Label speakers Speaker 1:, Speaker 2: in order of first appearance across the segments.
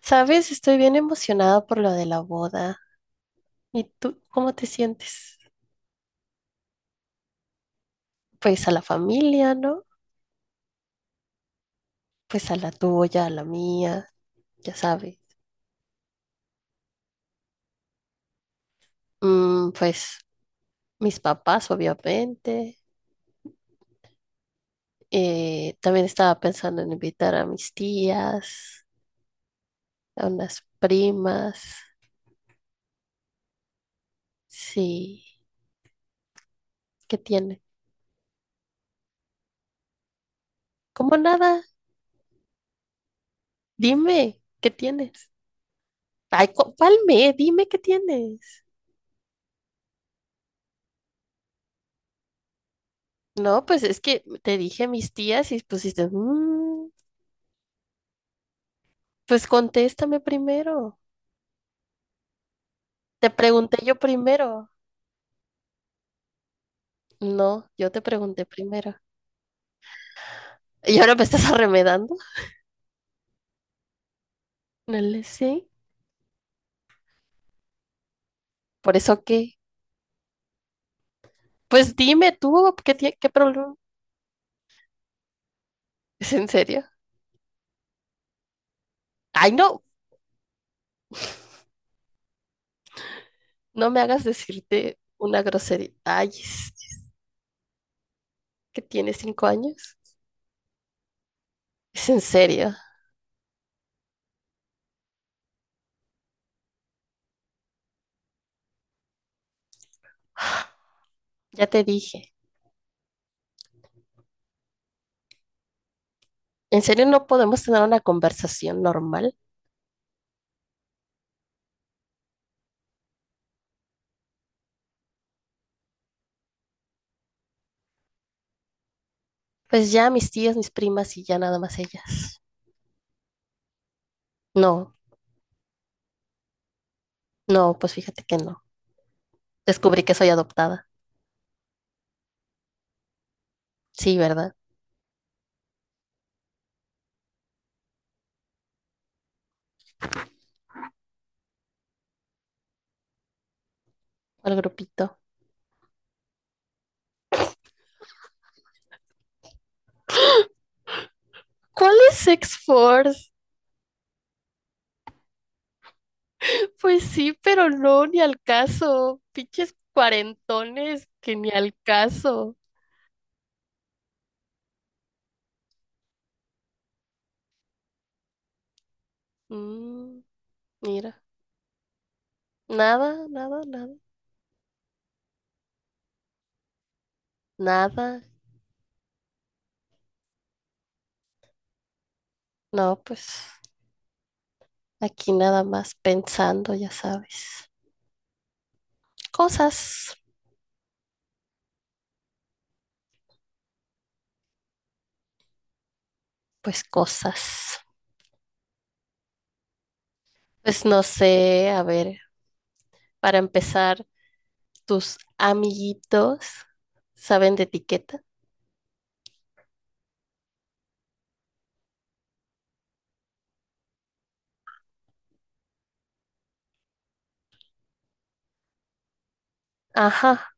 Speaker 1: Sabes, estoy bien emocionada por lo de la boda. ¿Y tú cómo te sientes? Pues a la familia, ¿no? Pues a la tuya, a la mía, ya sabes. Pues mis papás, obviamente. También estaba pensando en invitar a mis tías, a unas primas. Sí, ¿qué tiene? ¿Cómo nada? Dime, ¿qué tienes? Ay, palme, dime qué tienes. No, pues es que te dije mis tías y pusiste... "Mm". Pues contéstame primero. Te pregunté yo primero. No, yo te pregunté primero. ¿Y ahora me estás arremedando? No le sé. ¿Por eso qué? Pues dime tú, ¿qué, qué problema? ¿Es en serio? Ay, no, no me hagas decirte una grosería. Ay, es que tienes 5 años. ¿Es en serio? Ya te dije. ¿En serio no podemos tener una conversación normal? Pues ya mis tías, mis primas y ya nada más ellas. No, no, pues fíjate que no. Descubrí que soy adoptada. Sí, ¿verdad? Al grupito. ¿Cuál es X-Force? Pues sí, pero no, ni al caso. Pinches cuarentones que ni al caso. Mm, mira, nada, nada, nada, nada. No, pues aquí nada más pensando, ya sabes. Cosas, cosas. Pues no sé, a ver, para empezar, ¿tus amiguitos saben de etiqueta? Ajá.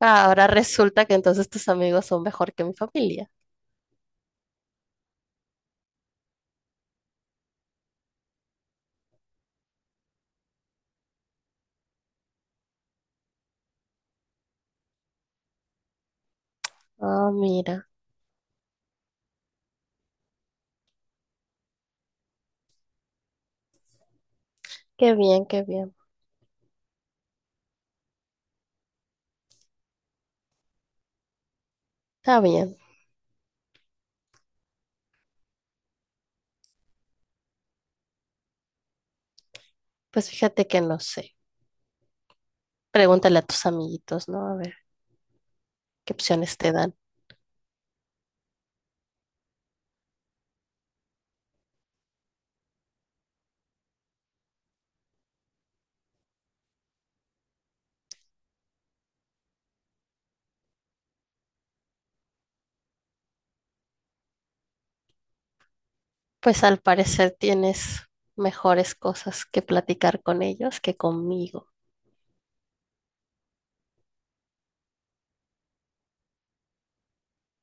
Speaker 1: Ah, ahora resulta que entonces tus amigos son mejor que mi familia. Ah, mira, qué bien, qué bien. Está bien. Pues fíjate que no sé. Pregúntale a tus amiguitos, ¿no? A ver qué opciones te dan. Pues al parecer tienes mejores cosas que platicar con ellos que conmigo.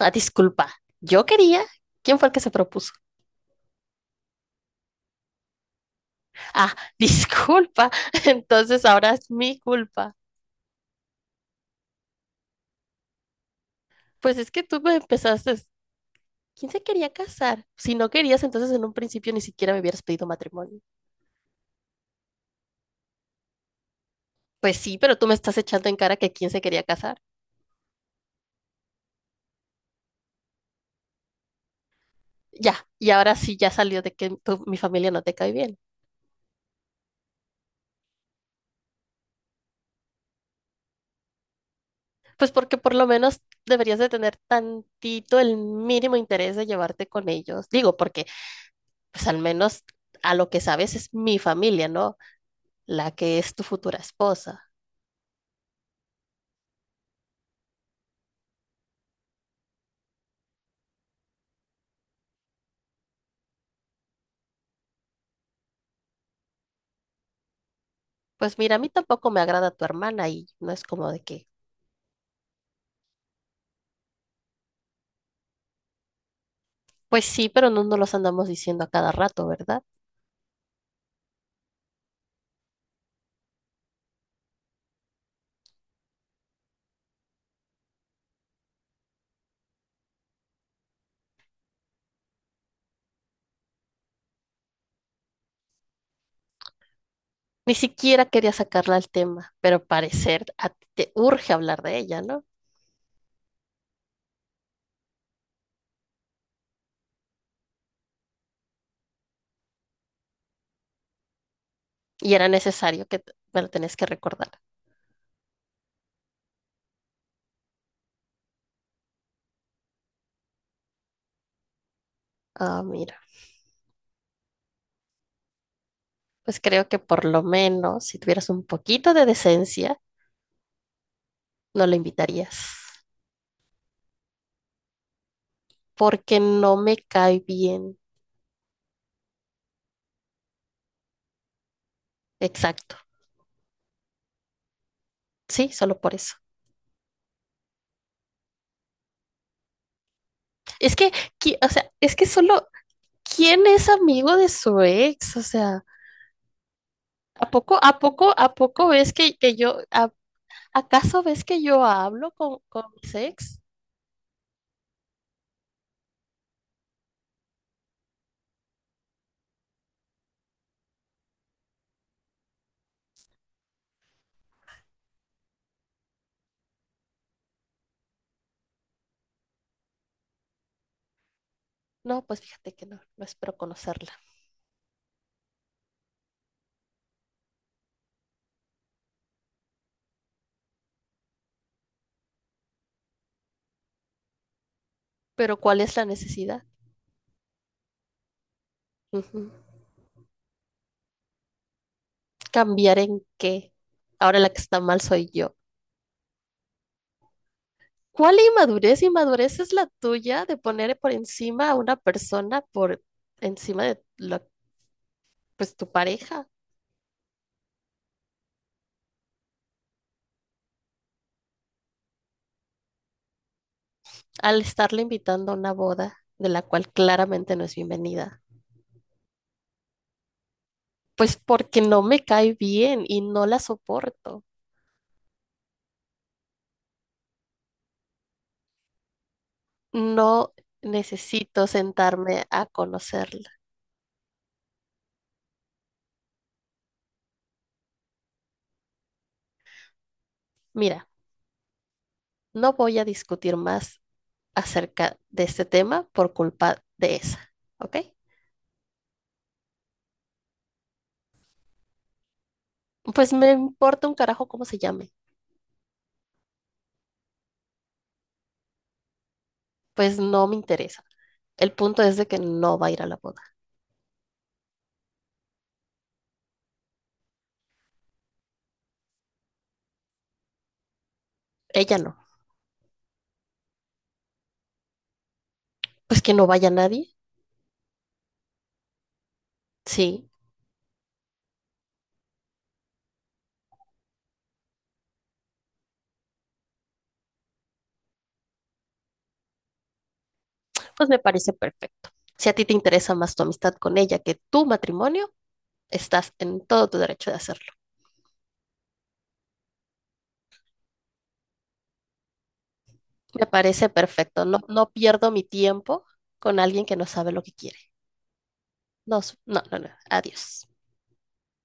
Speaker 1: Ah, disculpa. Yo quería. ¿Quién fue el que se propuso? Ah, disculpa. Entonces ahora es mi culpa. Pues es que tú me empezaste. ¿Quién se quería casar? Si no querías, entonces en un principio ni siquiera me hubieras pedido matrimonio. Pues sí, pero tú me estás echando en cara que quién se quería casar. Ya, y ahora sí ya salió de que mi familia no te cae bien. Pues porque por lo menos deberías de tener tantito el mínimo interés de llevarte con ellos. Digo, porque pues al menos a lo que sabes es mi familia, ¿no? La que es tu futura esposa. Pues mira, a mí tampoco me agrada tu hermana y no es como de que, pues sí, pero no nos los andamos diciendo a cada rato, ¿verdad? Ni siquiera quería sacarla al tema, pero parecer a ti te urge hablar de ella, ¿no? Y era necesario que me lo tenés que recordar. Ah, mira, pues creo que por lo menos si tuvieras un poquito de decencia, no lo invitarías, porque no me cae bien. Exacto. Sí, solo por eso. Es que, o sea, es que solo, ¿quién es amigo de su ex? O sea, ¿a poco, a poco, a poco ves que yo, acaso ves que yo hablo con mis ex? No, pues fíjate que no, no espero conocerla. Pero ¿cuál es la necesidad? Ujú. ¿Cambiar en qué? Ahora la que está mal soy yo. ¿Cuál inmadurez? Inmadurez es la tuya de poner por encima a una persona por encima de la, pues, tu pareja al estarle invitando a una boda de la cual claramente no es bienvenida. Pues porque no me cae bien y no la soporto. No necesito sentarme a conocerla. Mira, no voy a discutir más acerca de este tema por culpa de esa, ¿ok? Pues me importa un carajo cómo se llame. Pues no me interesa. El punto es de que no va a ir a la boda. Ella no. Pues que no vaya nadie. Sí. Pues me parece perfecto. Si a ti te interesa más tu amistad con ella que tu matrimonio, estás en todo tu derecho de hacerlo. Me parece perfecto. No, no pierdo mi tiempo con alguien que no sabe lo que quiere. No, no, no, no. Adiós.